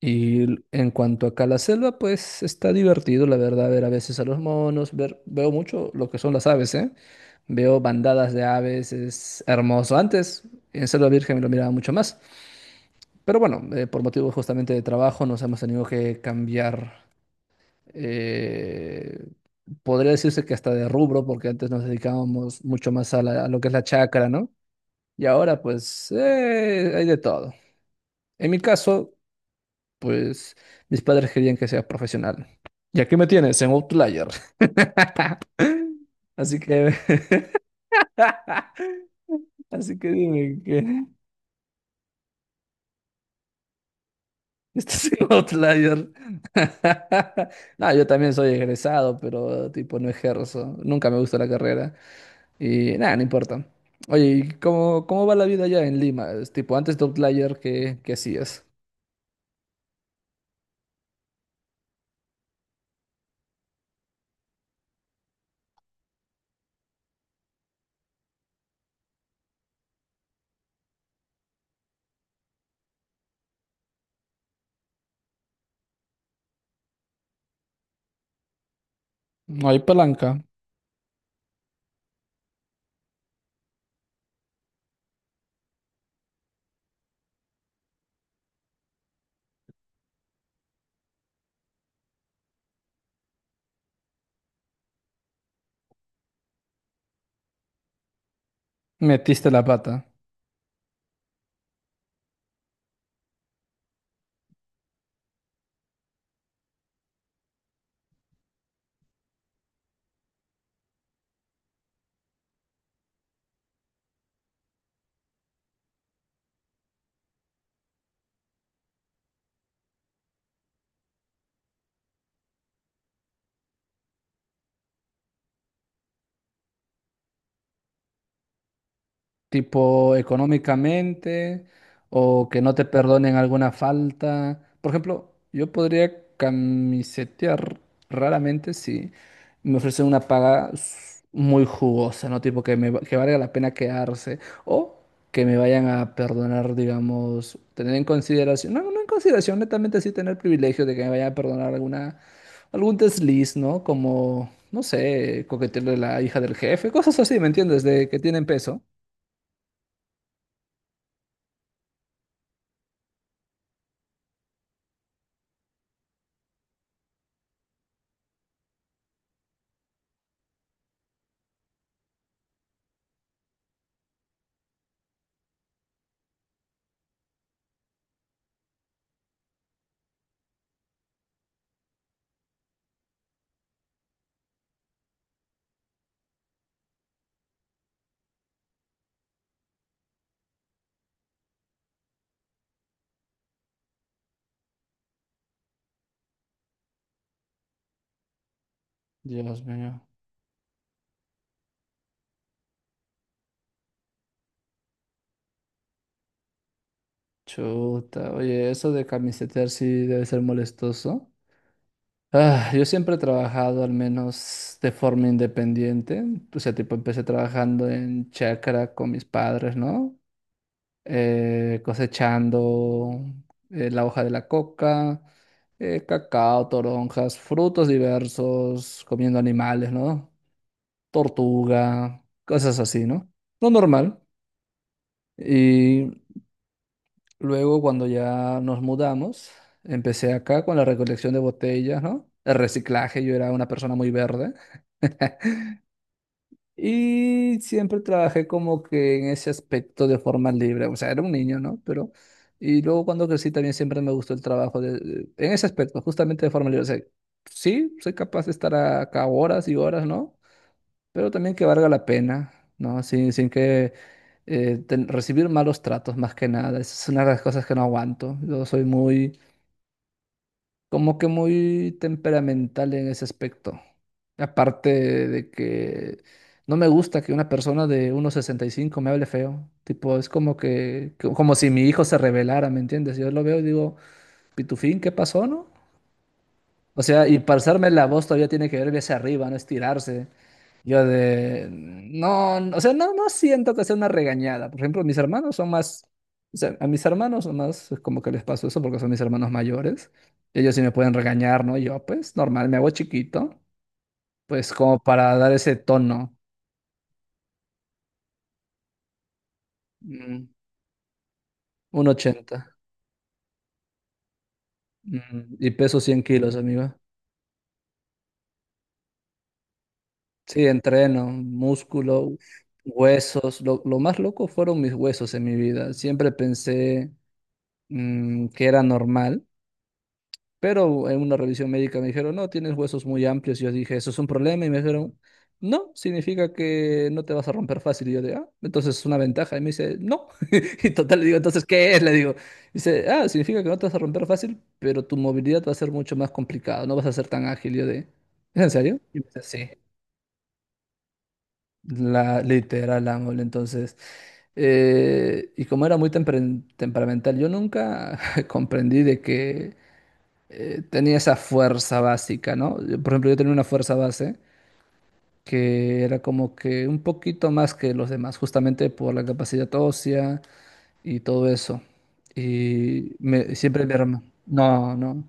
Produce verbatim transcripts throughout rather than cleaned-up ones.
Y l- en cuanto acá a la selva, pues está divertido, la verdad, ver a veces a los monos, ver, veo mucho lo que son las aves, ¿eh? Veo bandadas de aves, es hermoso. Antes, en Selva Virgen lo miraba mucho más, pero bueno, eh, por motivos justamente de trabajo nos hemos tenido que cambiar, eh, podría decirse que hasta de rubro, porque antes nos dedicábamos mucho más a, la- a lo que es la chacra, ¿no? Y ahora, pues, eh, hay de todo. En mi caso, pues mis padres querían que sea profesional. Y aquí me tienes en Outlier. Así que, así que dime que estás en Outlier. No, yo también soy egresado, pero tipo no ejerzo. Nunca me gustó la carrera. Y nada, no importa. Oye, ¿y cómo, cómo va la vida allá en Lima? Es tipo, antes de Outlier, ¿qué, qué hacías? No hay palanca. Metiste la pata. Tipo económicamente o que no te perdonen alguna falta. Por ejemplo, yo podría camisetear raramente si me ofrecen una paga s- muy jugosa, ¿no? Tipo que me, va- que valga la pena quedarse o que me vayan a perdonar, digamos, tener en consideración, no, no en consideración, netamente sí tener privilegio de que me vayan a perdonar alguna algún desliz, ¿no? Como, no sé, coquetearle a la hija del jefe, cosas así, ¿me entiendes? De que tienen peso. Dios mío. Chuta. Oye, eso de camisetear sí debe ser molestoso. Ah, yo siempre he trabajado al menos de forma independiente. O sea, tipo, empecé trabajando en chacra con mis padres, ¿no? Eh, cosechando eh, la hoja de la coca, eh, cacao, toronjas, frutos diversos, comiendo animales, ¿no? Tortuga, cosas así, ¿no? Lo normal. Y luego, cuando ya nos mudamos, empecé acá con la recolección de botellas, ¿no? El reciclaje, yo era una persona muy verde. Y siempre trabajé como que en ese aspecto de forma libre. O sea, era un niño, ¿no? Pero... Y luego cuando crecí también siempre me gustó el trabajo de... de- en ese aspecto, justamente de forma libre. O sea, sí, soy capaz de estar acá horas y horas, ¿no? Pero también que valga la pena, ¿no? Sin, sin que eh, ten- recibir malos tratos más que nada. Esa es una de las cosas que no aguanto. Yo soy muy como que muy temperamental en ese aspecto. Aparte de que no me gusta que una persona de uno sesenta y cinco me hable feo. Tipo, es como que, que- como si mi hijo se rebelara, ¿me entiendes? Yo lo veo y digo, Pitufín, ¿qué pasó, no? O sea, y pasarme la voz todavía tiene que ver hacia arriba, no estirarse. Yo de... No, no, o sea, no, no siento que sea una regañada. Por ejemplo, mis hermanos son más... O sea, a mis hermanos son más es como que les paso eso porque son mis hermanos mayores. Ellos sí me pueden regañar, ¿no? Yo, pues, normal, me hago chiquito. Pues como para dar ese tono. Mm, un ochenta. Mm, y peso cien kilos, amigo. Sí, entreno, músculo, huesos. Lo, lo más loco fueron mis huesos en mi vida. Siempre pensé... mm, que era normal, pero en una revisión médica me dijeron, no, tienes huesos muy amplios. Y yo dije, ¿eso es un problema? Y me dijeron, no, significa que no te vas a romper fácil. Y yo de, ah, entonces es una ventaja. Y me dice, no. Y total, le digo, entonces, ¿qué es? Le digo, dice, ah, significa que no te vas a romper fácil, pero tu movilidad va a ser mucho más complicada, no vas a ser tan ágil. Y yo de, ¿es en serio? Y me dice, sí. La literal ángel, entonces. eh, y como era muy temperen- temperamental, yo nunca comprendí de que eh, tenía esa fuerza básica, ¿no? Yo, por ejemplo, yo tenía una fuerza base que era como que un poquito más que los demás, justamente por la capacidad ósea y todo eso. Y me, siempre mi hermano. No, no.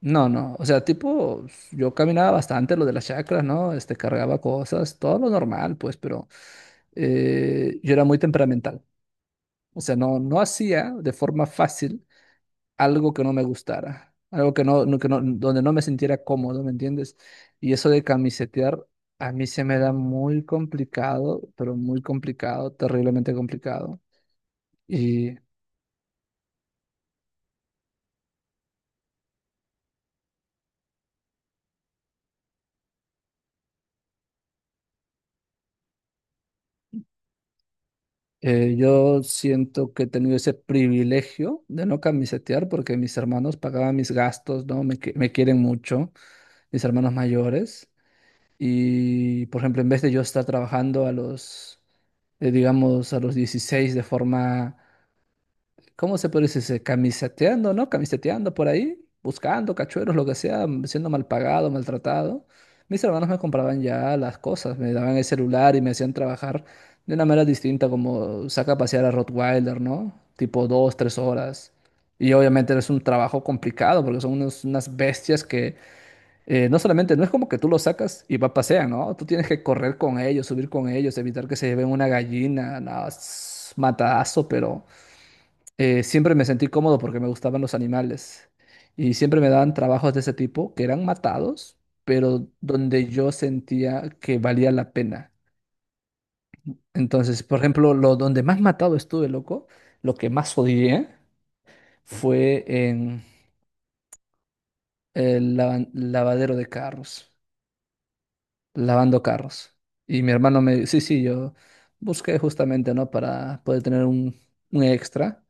No, no. O sea, tipo, yo caminaba bastante lo de las chakras, ¿no? Este, cargaba cosas, todo lo normal, pues, pero eh, yo era muy temperamental. O sea, no, no hacía de forma fácil algo que no me gustara, algo que no, no- que no, donde no me sintiera cómodo, ¿me entiendes? Y eso de camisetear a mí se me da muy complicado, pero muy complicado, terriblemente complicado. Y eh, yo siento que he tenido ese privilegio de no camisetear porque mis hermanos pagaban mis gastos, ¿no? Me, qui- me quieren mucho, mis hermanos mayores. Y, por ejemplo, en vez de yo estar trabajando a los, eh, digamos, a los dieciséis de forma ¿cómo se puede decir? Se- Camiseteando, ¿no? Camiseteando por ahí, buscando cachueros, lo que sea, m- siendo mal pagado, maltratado. Mis hermanos me compraban ya las cosas, me daban el celular y me hacían trabajar de una manera distinta, como saca a pasear a Rottweiler, ¿no? Tipo dos, tres horas. Y obviamente es un trabajo complicado porque son unos- unas bestias que eh, no solamente, no es como que tú los sacas y va pasean, ¿no? Tú tienes que correr con ellos, subir con ellos, evitar que se lleven una gallina, nada, es matadazo, pero eh, siempre me sentí cómodo porque me gustaban los animales y siempre me daban trabajos de ese tipo que eran matados, pero donde yo sentía que valía la pena. Entonces, por ejemplo, lo donde más matado estuve, loco, lo que más odié fue en el lava- lavadero de carros, lavando carros. Y mi hermano me, sí, sí, yo busqué justamente, ¿no? Para poder tener un, un extra.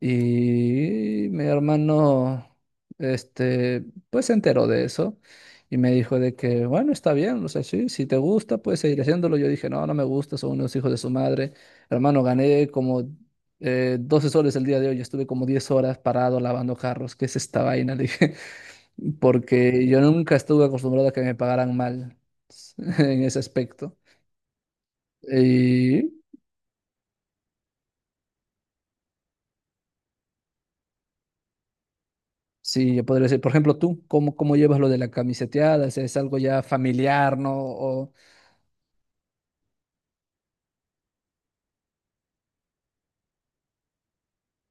Y mi hermano, este, pues se enteró de eso y me dijo de que, bueno, está bien, o sea, sí, si te gusta, puedes seguir haciéndolo. Yo dije, no, no me gusta, son unos hijos de su madre. Hermano, gané como eh, doce soles el día de hoy, estuve como diez horas parado lavando carros, ¿qué es esta vaina? Le dije, porque yo nunca estuve acostumbrado a que me pagaran mal en ese aspecto. Sí, yo podría decir, por ejemplo, tú, ¿cómo, cómo llevas lo de la camiseteada? O sea, ¿es algo ya familiar, no? O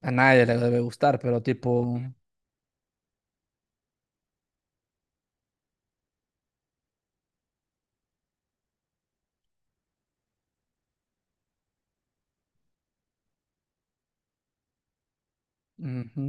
a nadie le debe gustar, pero tipo... ujú,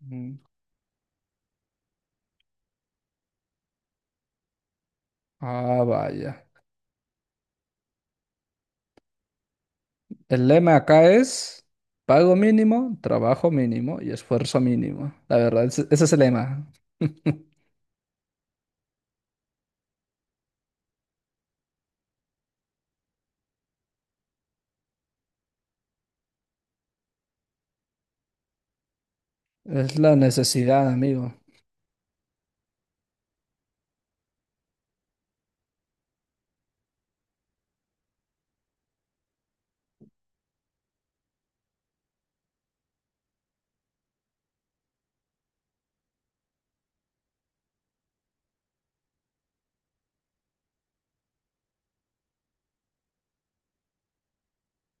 ujú. Ah, vaya. El lema acá es pago mínimo, trabajo mínimo y esfuerzo mínimo. La verdad, ese, ese es el lema. Es la necesidad, amigo.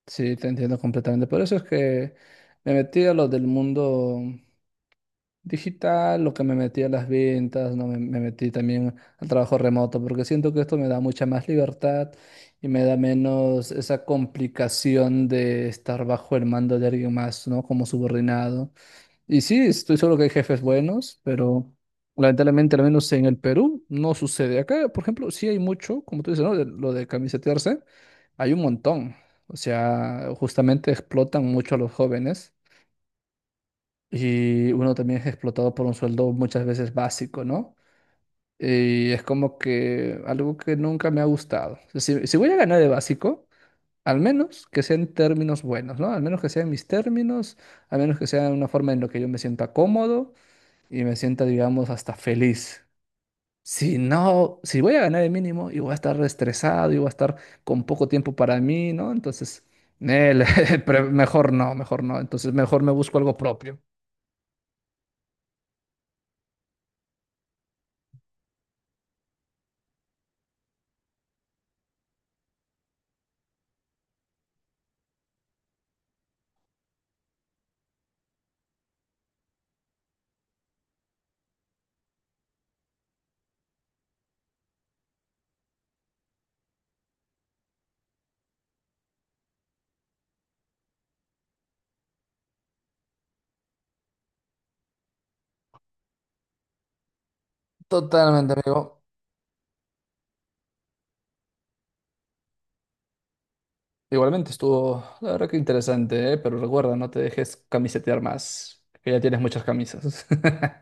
Sí, te entiendo completamente. Por eso es que me metí a lo del mundo digital, lo que me metí a las ventas, ¿no? Me, me metí también al trabajo remoto, porque siento que esto me da mucha más libertad y me da menos esa complicación de estar bajo el mando de alguien más, ¿no? Como subordinado. Y sí, estoy seguro que hay jefes buenos, pero lamentablemente, al menos en el Perú, no sucede. Acá, por ejemplo, sí hay mucho, como tú dices, ¿no? De- lo de camisetearse, hay un montón. O sea, justamente explotan mucho a los jóvenes y uno también es explotado por un sueldo muchas veces básico, ¿no? Y es como que algo que nunca me ha gustado. O sea, si, si voy a ganar de básico, al menos que sean términos buenos, ¿no? Al menos que sean mis términos, al menos que sea una forma en la que yo me sienta cómodo y me sienta, digamos, hasta feliz. Si no, si voy a ganar el mínimo y voy a estar estresado y voy a estar con poco tiempo para mí, ¿no? Entonces, nel, pre- mejor no, mejor no. Entonces, mejor me busco algo propio. Totalmente, amigo. Igualmente estuvo, la verdad que interesante, ¿eh? Pero recuerda, no te dejes camisetear más, que ya tienes muchas camisas.